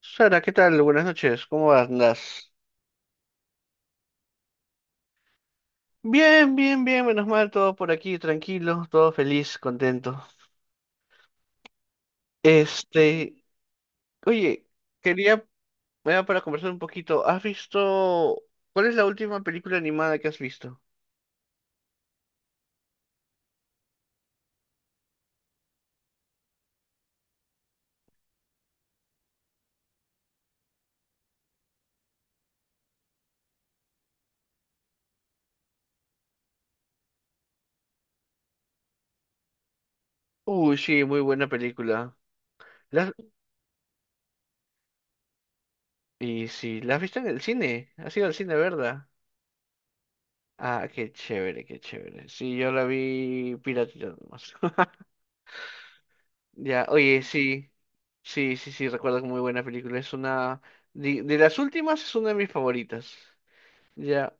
Sara, ¿qué tal? Buenas noches, ¿cómo andas? Bien, bien, bien, menos mal, todo por aquí, tranquilo, todo feliz, contento. Este, oye, quería, bueno, para conversar un poquito, ¿cuál es la última película animada que has visto? Uy, sí, muy buena película. ¿La- has- Y sí, ¿la has visto en el cine? ¿Has ido al cine, verdad? Ah, qué chévere, qué chévere. Sí, yo la vi piratita nomás. Ya, oye, sí, sí, sí, sí, recuerdo que muy buena película. Es una, de las últimas es una de mis favoritas. Ya,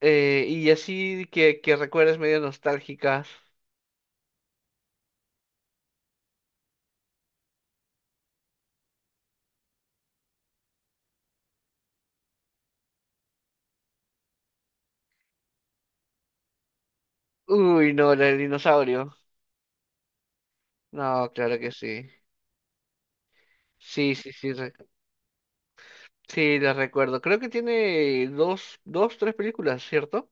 y así que recuerdas medio nostálgicas. Uy, no, la del dinosaurio. No, claro que sí. Sí, sí, sí, sí, la recuerdo. Creo que tiene dos, tres películas, ¿cierto?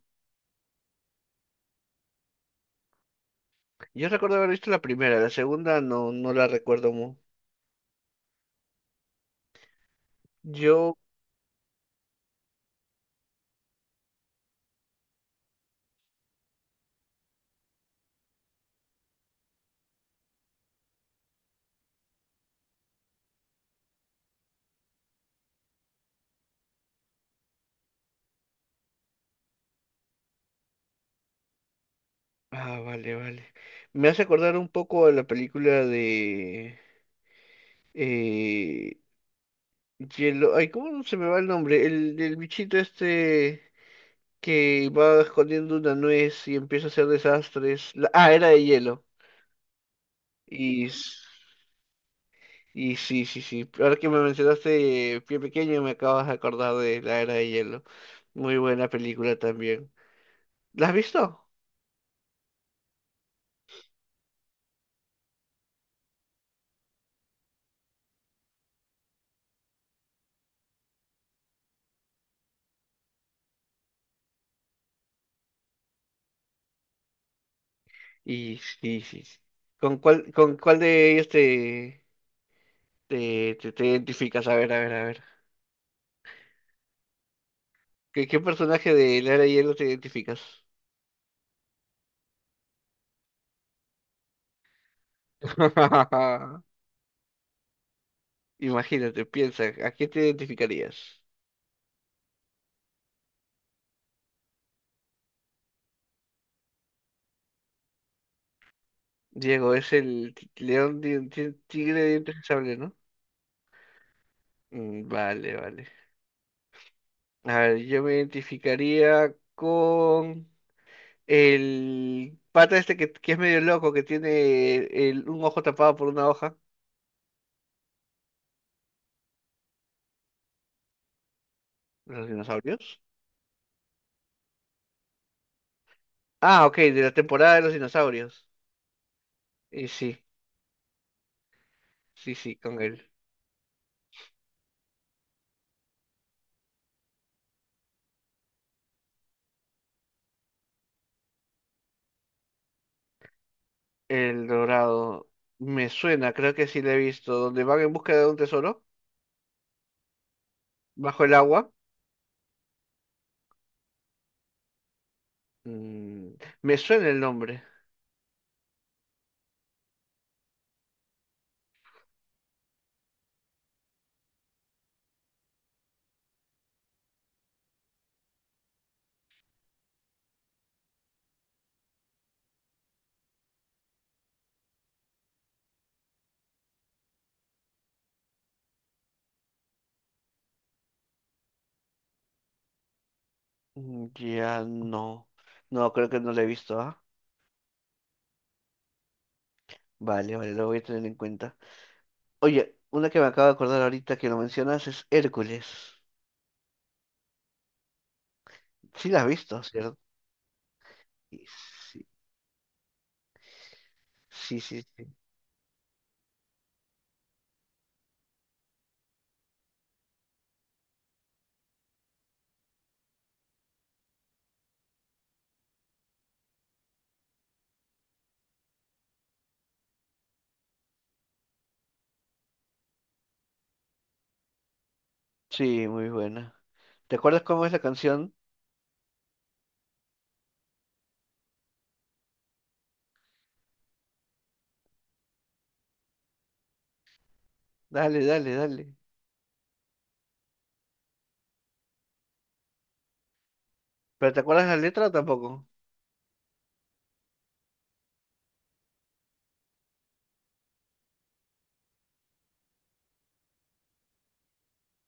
Yo recuerdo haber visto la primera, la segunda no la recuerdo mucho. Yo, ah, vale, vale. Me hace acordar un poco a la película de... Eh, hielo, ay, ¿cómo se me va el nombre? El bichito este que va escondiendo una nuez y empieza a hacer desastres. Ah, era de hielo. Y, s- y sí, sí, sí. Ahora que me mencionaste Pie Pequeño, me acabas de acordar de la era de hielo. Muy buena película también. ¿La has visto? Y sí, sí, sí. Con cuál de ellos te identificas? A ver, a ver, a ver. ¿Qué, qué personaje de la era de hielo te identificas? Imagínate, piensa, ¿a qué te identificarías? Diego, es el león, tigre de dientes de sable, ¿no? Mm, vale, vale. A ver, yo me identificaría con el pata este que es medio loco, que tiene un ojo tapado por una hoja. ¿Los dinosaurios? Ah, ok, de la temporada de los dinosaurios. Y sí, sí, sí, con él. El Dorado. Me suena, creo que sí lo he visto. Donde van en busca de un tesoro, bajo el agua. Mm, me suena el nombre. Mm, ya no. No, creo que no lo he visto, ¿ah? Vale, vale, lo voy a tener en cuenta. Oye, una que me acabo de acordar ahorita que lo mencionas es Hércules. Sí la has visto, ¿cierto? Y sí, sí, sí, sí. Sí, muy buena. ¿Te acuerdas cómo es la canción? Dale, dale, dale. ¿Pero te acuerdas la letra tampoco?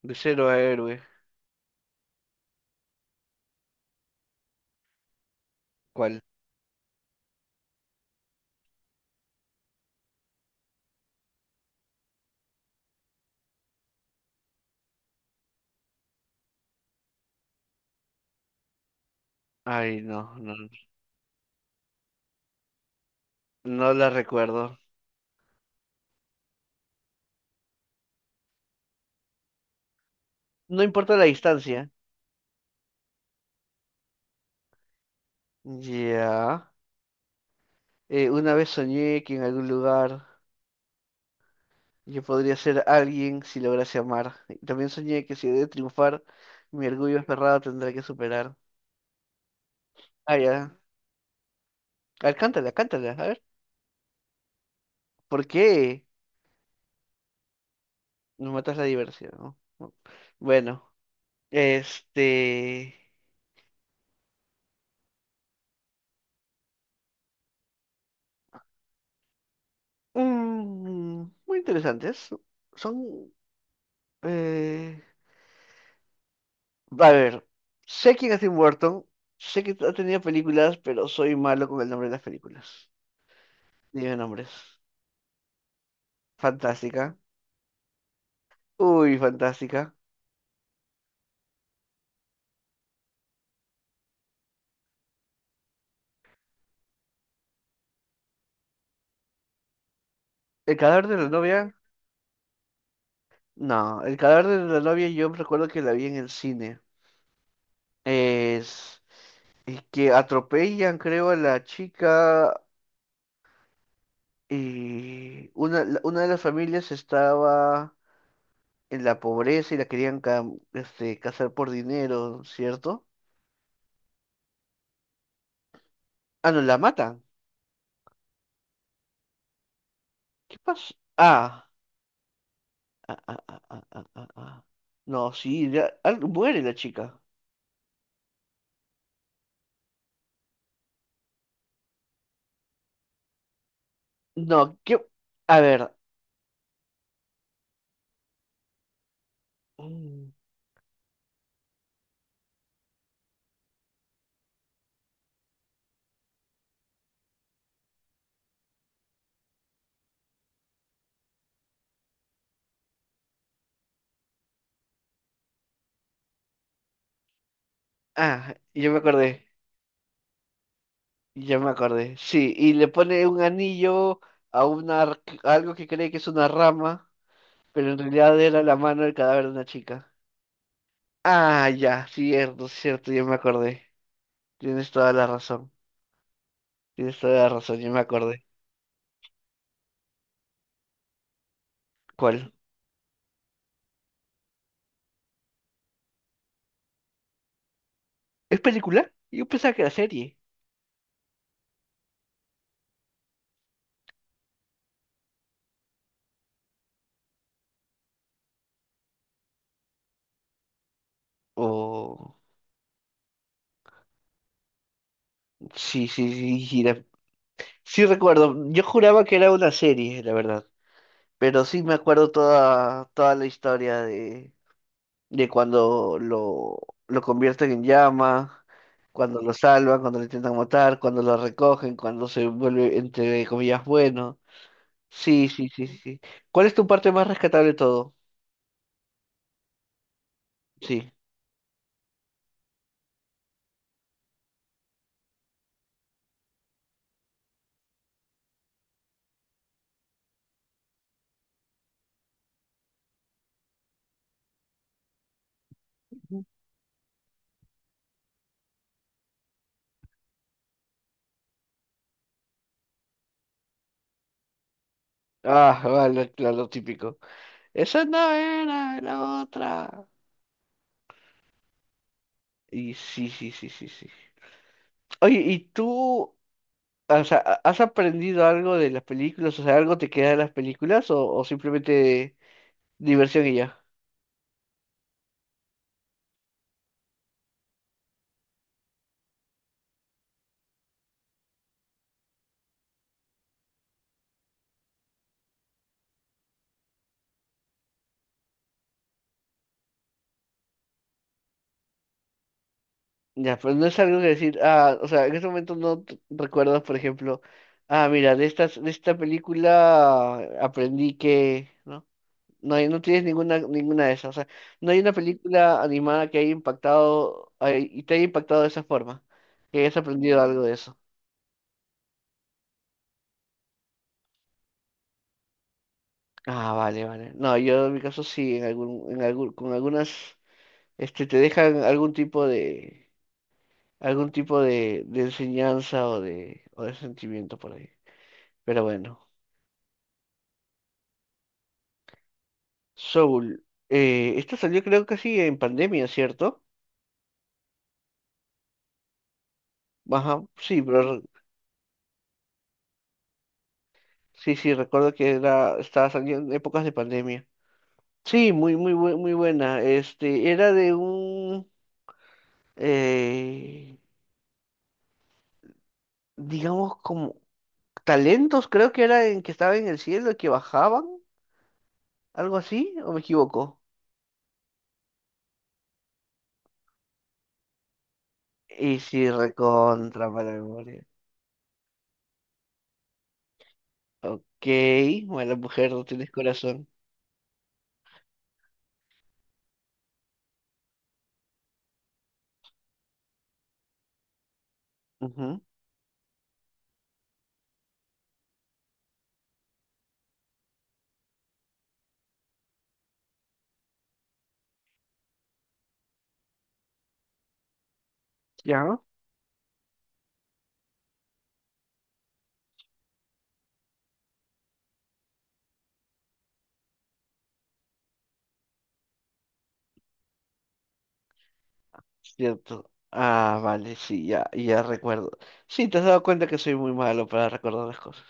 De cero a héroe. ¿Cuál? Ay, no, no, no la recuerdo. No importa la distancia. Ya. Una vez soñé que en algún lugar yo podría ser alguien si lograse amar. Y también soñé que si he de triunfar, mi orgullo aferrado tendrá que superar. Ah, ya. A ver, cántala, cántala. A ver, ¿por qué nos matas la diversión? ¿No? No. Bueno, este... mm, muy interesantes. Son... eh, a ver, sé quién es Tim Burton, sé que ha tenido películas, pero soy malo con el nombre de las películas. Dime nombres. Fantástica. Uy, fantástica. ¿El cadáver de la novia? No, el cadáver de la novia yo recuerdo que la vi en el cine. Es, es que atropellan, creo, a la chica y una de las familias estaba en la pobreza y la querían este, casar por dinero, ¿cierto? Ah, no, la matan. ¿Qué pasó? Ah, ah, ah, ah, ah, ah, ah, ah. No, sí, muere la chica. No, ¿qué? A ver. Mm, ah, yo me acordé. Ya me acordé. Sí, y le pone un anillo a a algo que cree que es una rama, pero en realidad era la mano del cadáver de una chica. Ah, ya, cierto, cierto, ya me acordé. Tienes toda la razón. Tienes toda la razón, ya me acordé. ¿Cuál? ¿Es película? Yo pensaba que era serie. Oh, sí, sí, sí, sí, sí recuerdo. Yo juraba que era una serie, la verdad. Pero sí me acuerdo toda, toda la historia de cuando lo convierten en llama, cuando lo salvan, cuando lo intentan matar, cuando lo recogen, cuando se vuelve, entre comillas, bueno. Sí, sí, sí, sí, sí. ¿Cuál es tu parte más rescatable de todo? Sí. Ujú. Ah, vale, claro, lo típico. Esa no era la otra. Y sí, sí, sí, sí, sí. Oye, ¿y tú, o sea, has aprendido algo de las películas? O sea, ¿algo te queda de las películas o simplemente diversión y ya? Ya, pero no es algo que decir, ah, o sea, en ese momento no recuerdas, por ejemplo, ah, mira, de de esta película aprendí que, ¿no? No hay, no tienes ninguna, ninguna de esas, o sea, no hay una película animada que haya impactado, ay, y te haya impactado de esa forma, que hayas aprendido algo de eso. Ah, vale, vale. No, yo en mi caso sí, en algún, con algunas, este, te dejan algún tipo de, algún tipo de enseñanza o de sentimiento por ahí. Pero bueno. Soul, esto salió creo que sí en pandemia, ¿cierto? Ajá, sí, pero sí, sí, recuerdo que estaba saliendo en épocas de pandemia. Sí, muy, muy, muy buena. Este, era de eh, digamos, como talentos, creo que era en que estaba en el cielo, que bajaban, algo así, ¿o me equivoco? Y sí, recontra para la memoria. Ok, bueno, mujer, no tienes corazón. Ujú, ¿ya? Cierto. Ah, vale, sí, ya, ya recuerdo. Sí, te has dado cuenta que soy muy malo para recordar las cosas.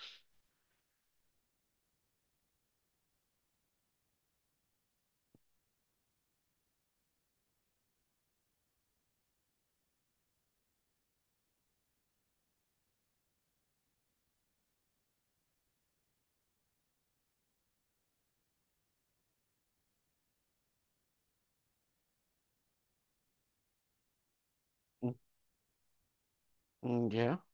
Mm, mm, ya.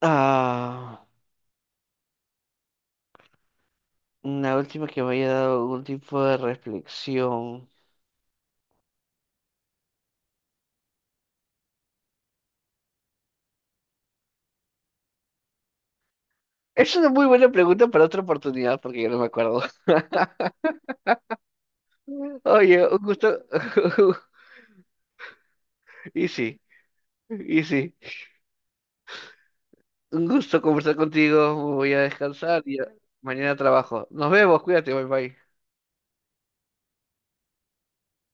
Ah, una última que me haya dado algún tipo de reflexión. Es una muy buena pregunta para otra oportunidad porque yo no me acuerdo. Oye, un gusto. Y sí, y sí. Un gusto conversar contigo. Voy a descansar y mañana trabajo. Nos vemos, cuídate, bye bye.